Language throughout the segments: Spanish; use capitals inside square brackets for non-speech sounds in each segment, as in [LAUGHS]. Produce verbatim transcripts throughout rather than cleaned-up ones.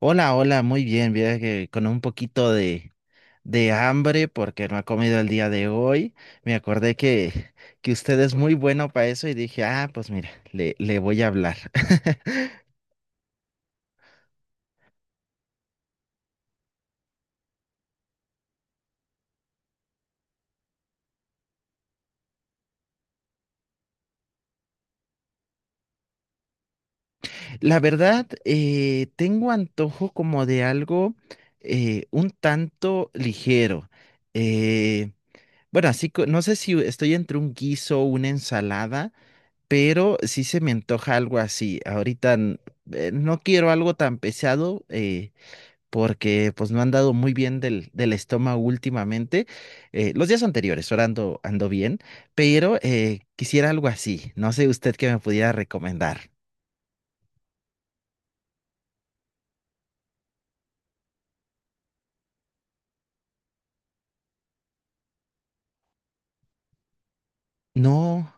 Hola, hola, muy bien. Mira que con un poquito de, de hambre porque no he comido el día de hoy. Me acordé que, que usted es muy bueno para eso y dije, ah, pues mira, le, le voy a hablar. [LAUGHS] La verdad, eh, tengo antojo como de algo eh, un tanto ligero. Eh, bueno, así co- no sé si estoy entre un guiso o una ensalada, pero sí se me antoja algo así. Ahorita n- eh, no quiero algo tan pesado. Eh, porque pues no han dado muy bien del, del estómago últimamente. Eh, los días anteriores, ahora ando, ando bien, pero eh, quisiera algo así. No sé usted qué me pudiera recomendar. No,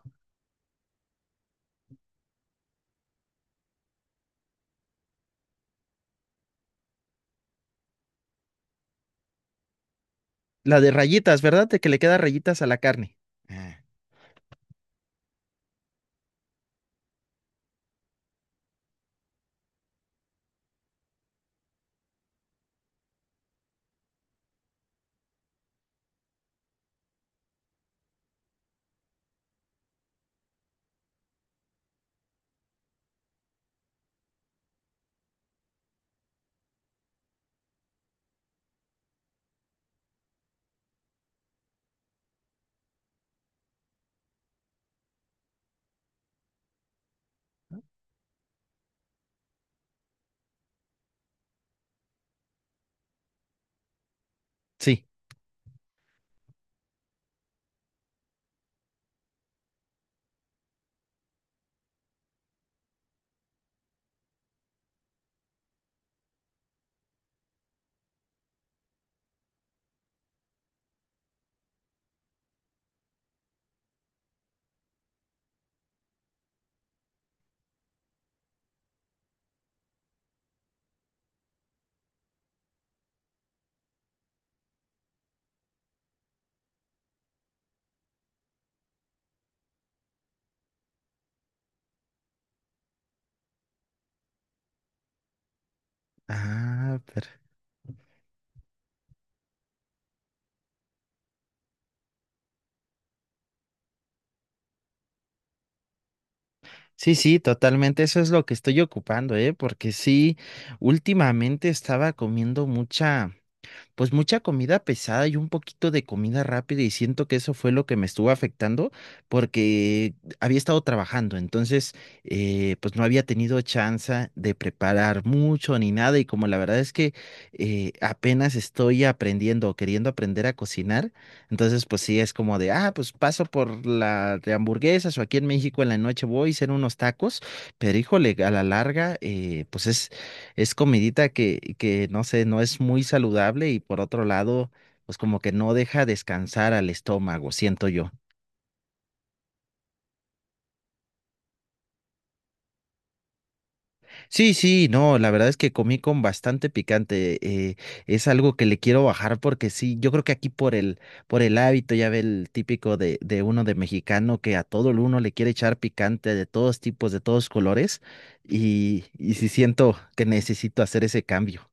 la de rayitas, ¿verdad? De que le queda rayitas a la carne. Ah, sí. Ah, pero... Sí, sí, totalmente. Eso es lo que estoy ocupando, ¿eh? Porque sí, últimamente estaba comiendo mucha... pues mucha comida pesada y un poquito de comida rápida y siento que eso fue lo que me estuvo afectando porque había estado trabajando, entonces eh, pues no había tenido chance de preparar mucho ni nada y como la verdad es que eh, apenas estoy aprendiendo o queriendo aprender a cocinar, entonces pues sí es como de, ah, pues paso por la de hamburguesas o aquí en México en la noche voy a hacer unos tacos, pero híjole, a la larga eh, pues es es comidita que, que, no sé, no es muy saludable y por otro lado, pues como que no deja descansar al estómago, siento yo. Sí, sí, no, la verdad es que comí con bastante picante. eh, es algo que le quiero bajar porque sí, yo creo que aquí por el, por el hábito, ya ve el típico de, de uno de mexicano que a todo el uno le quiere echar picante de todos tipos, de todos colores, y, y sí siento que necesito hacer ese cambio.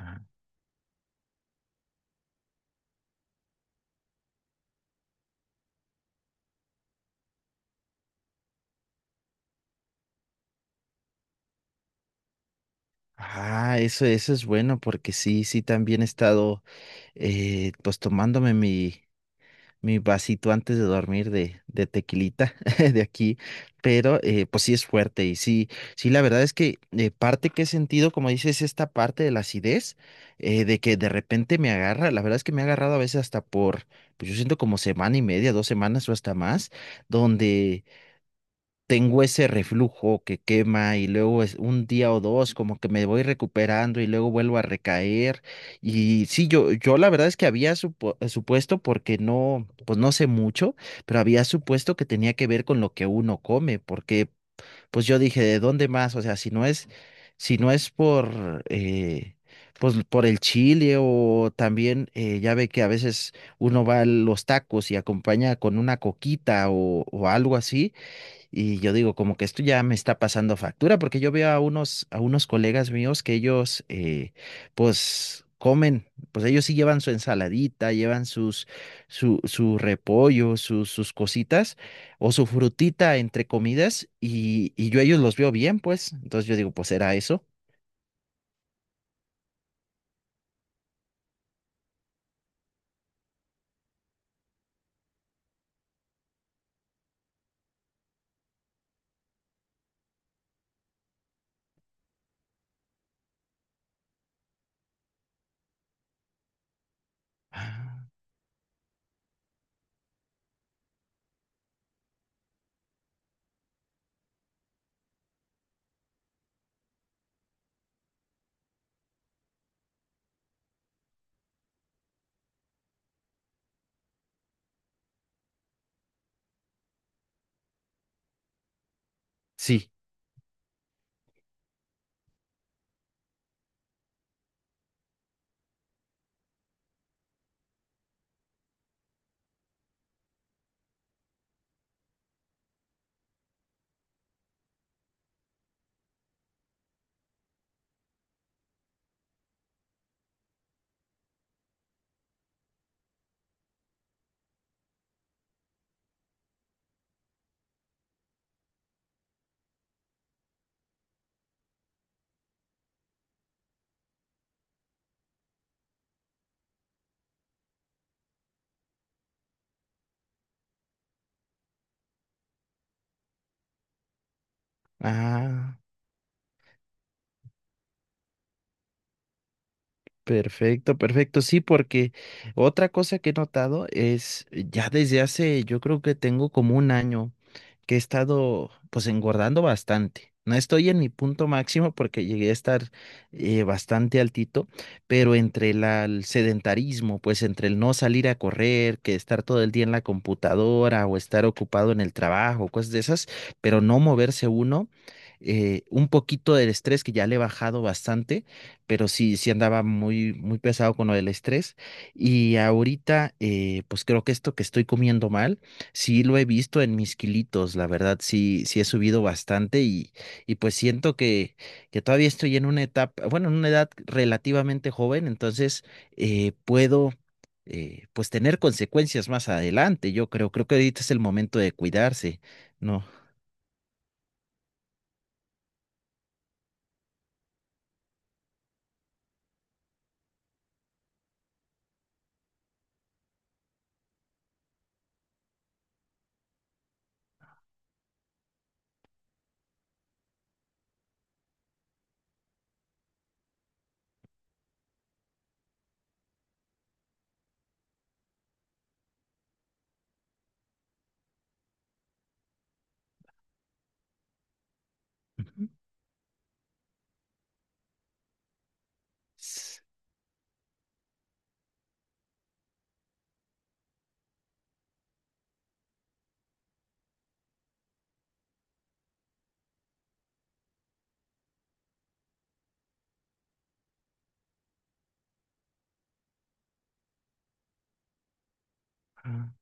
Ah. Ah, eso, eso es bueno porque sí, sí, también he estado eh, pues tomándome mi, mi vasito antes de dormir de, de tequilita [LAUGHS] de aquí, pero eh, pues sí es fuerte y sí, sí, la verdad es que eh, parte que he sentido, como dices, esta parte de la acidez, eh, de que de repente me agarra, la verdad es que me ha agarrado a veces hasta por, pues yo siento como semana y media, dos semanas o hasta más, donde tengo ese reflujo que quema y luego es un día o dos como que me voy recuperando y luego vuelvo a recaer. Y sí, yo, yo la verdad es que había supo- eh, supuesto, porque no, pues no sé mucho, pero había supuesto que tenía que ver con lo que uno come, porque pues yo dije, ¿de dónde más? O sea, si no es, si no es por... eh, pues por el chile o también eh, ya ve que a veces uno va a los tacos y acompaña con una coquita o o algo así. Y yo digo, como que esto ya me está pasando factura, porque yo veo a unos, a unos colegas míos que ellos, eh, pues, comen, pues ellos sí llevan su ensaladita, llevan sus, su, su repollo, sus, sus cositas, o su frutita entre comidas, y, y yo a ellos los veo bien, pues. Entonces yo digo, pues, ¿era eso? Ah. Sí. Ah. Perfecto, perfecto. Sí, porque otra cosa que he notado es eh, ya desde hace, yo creo que tengo como un año que he estado pues engordando bastante. No estoy en mi punto máximo porque llegué a estar eh, bastante altito, pero entre la- el sedentarismo, pues entre el no salir a correr, que estar todo el día en la computadora o estar ocupado en el trabajo, cosas de esas, pero no moverse uno, eh, un poquito del estrés que ya le he bajado bastante pero sí, sí andaba muy, muy pesado con lo del estrés. Y ahorita, eh, pues creo que esto que estoy comiendo mal, sí lo he visto en mis kilitos, la verdad, sí, sí he subido bastante y, y pues siento que, que todavía estoy en una etapa, bueno, en una edad relativamente joven, entonces eh, puedo... eh, pues tener consecuencias más adelante, yo creo, creo que ahorita es el momento de cuidarse, ¿no? Ujú. S- ajá,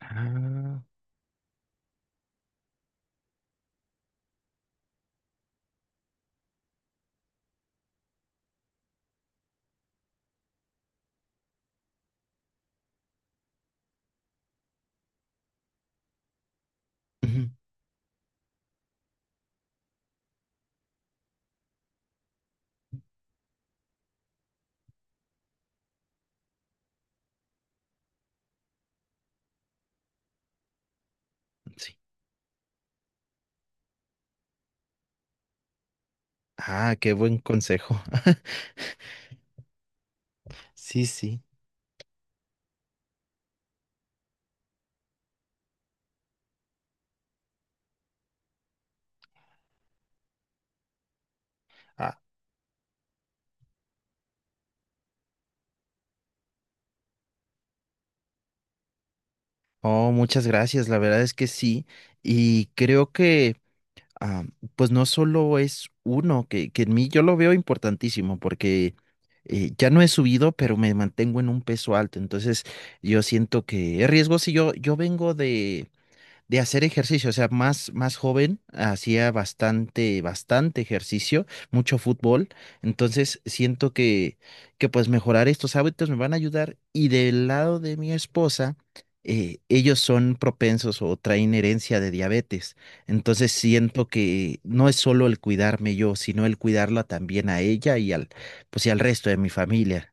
ah, ujú, sí. Ah, qué buen consejo. [LAUGHS] Sí, sí. Ah. Oh, muchas gracias. La verdad es que sí. Y creo que, ah, pues no solo es uno, que, que en mí yo lo veo importantísimo porque eh, ya no he subido, pero me mantengo en un peso alto. Entonces, yo siento que es riesgo si yo, yo vengo de de hacer ejercicio, o sea, más, más joven hacía bastante, bastante ejercicio, mucho fútbol, entonces siento que, que pues mejorar estos hábitos me van a ayudar y del lado de mi esposa, eh, ellos son propensos o traen herencia de diabetes, entonces siento que no es solo el cuidarme yo, sino el cuidarla también a ella y al, pues y al resto de mi familia.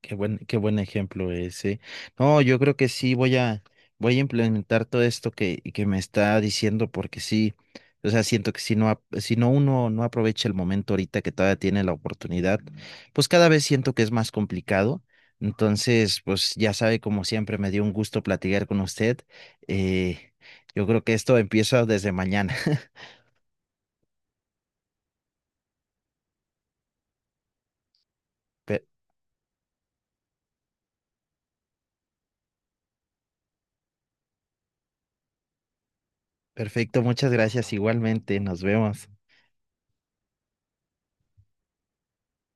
Qué buen, qué buen ejemplo ese. No, yo creo que sí voy a, voy a implementar todo esto que, que me está diciendo, porque sí, o sea, siento que si no, ap- si no uno no aprovecha el momento ahorita que todavía tiene la oportunidad, pues cada vez siento que es más complicado. Entonces, pues ya sabe, como siempre, me dio un gusto platicar con usted. Eh, yo creo que esto empieza desde mañana. [LAUGHS] Per- perfecto, muchas gracias igualmente, nos vemos.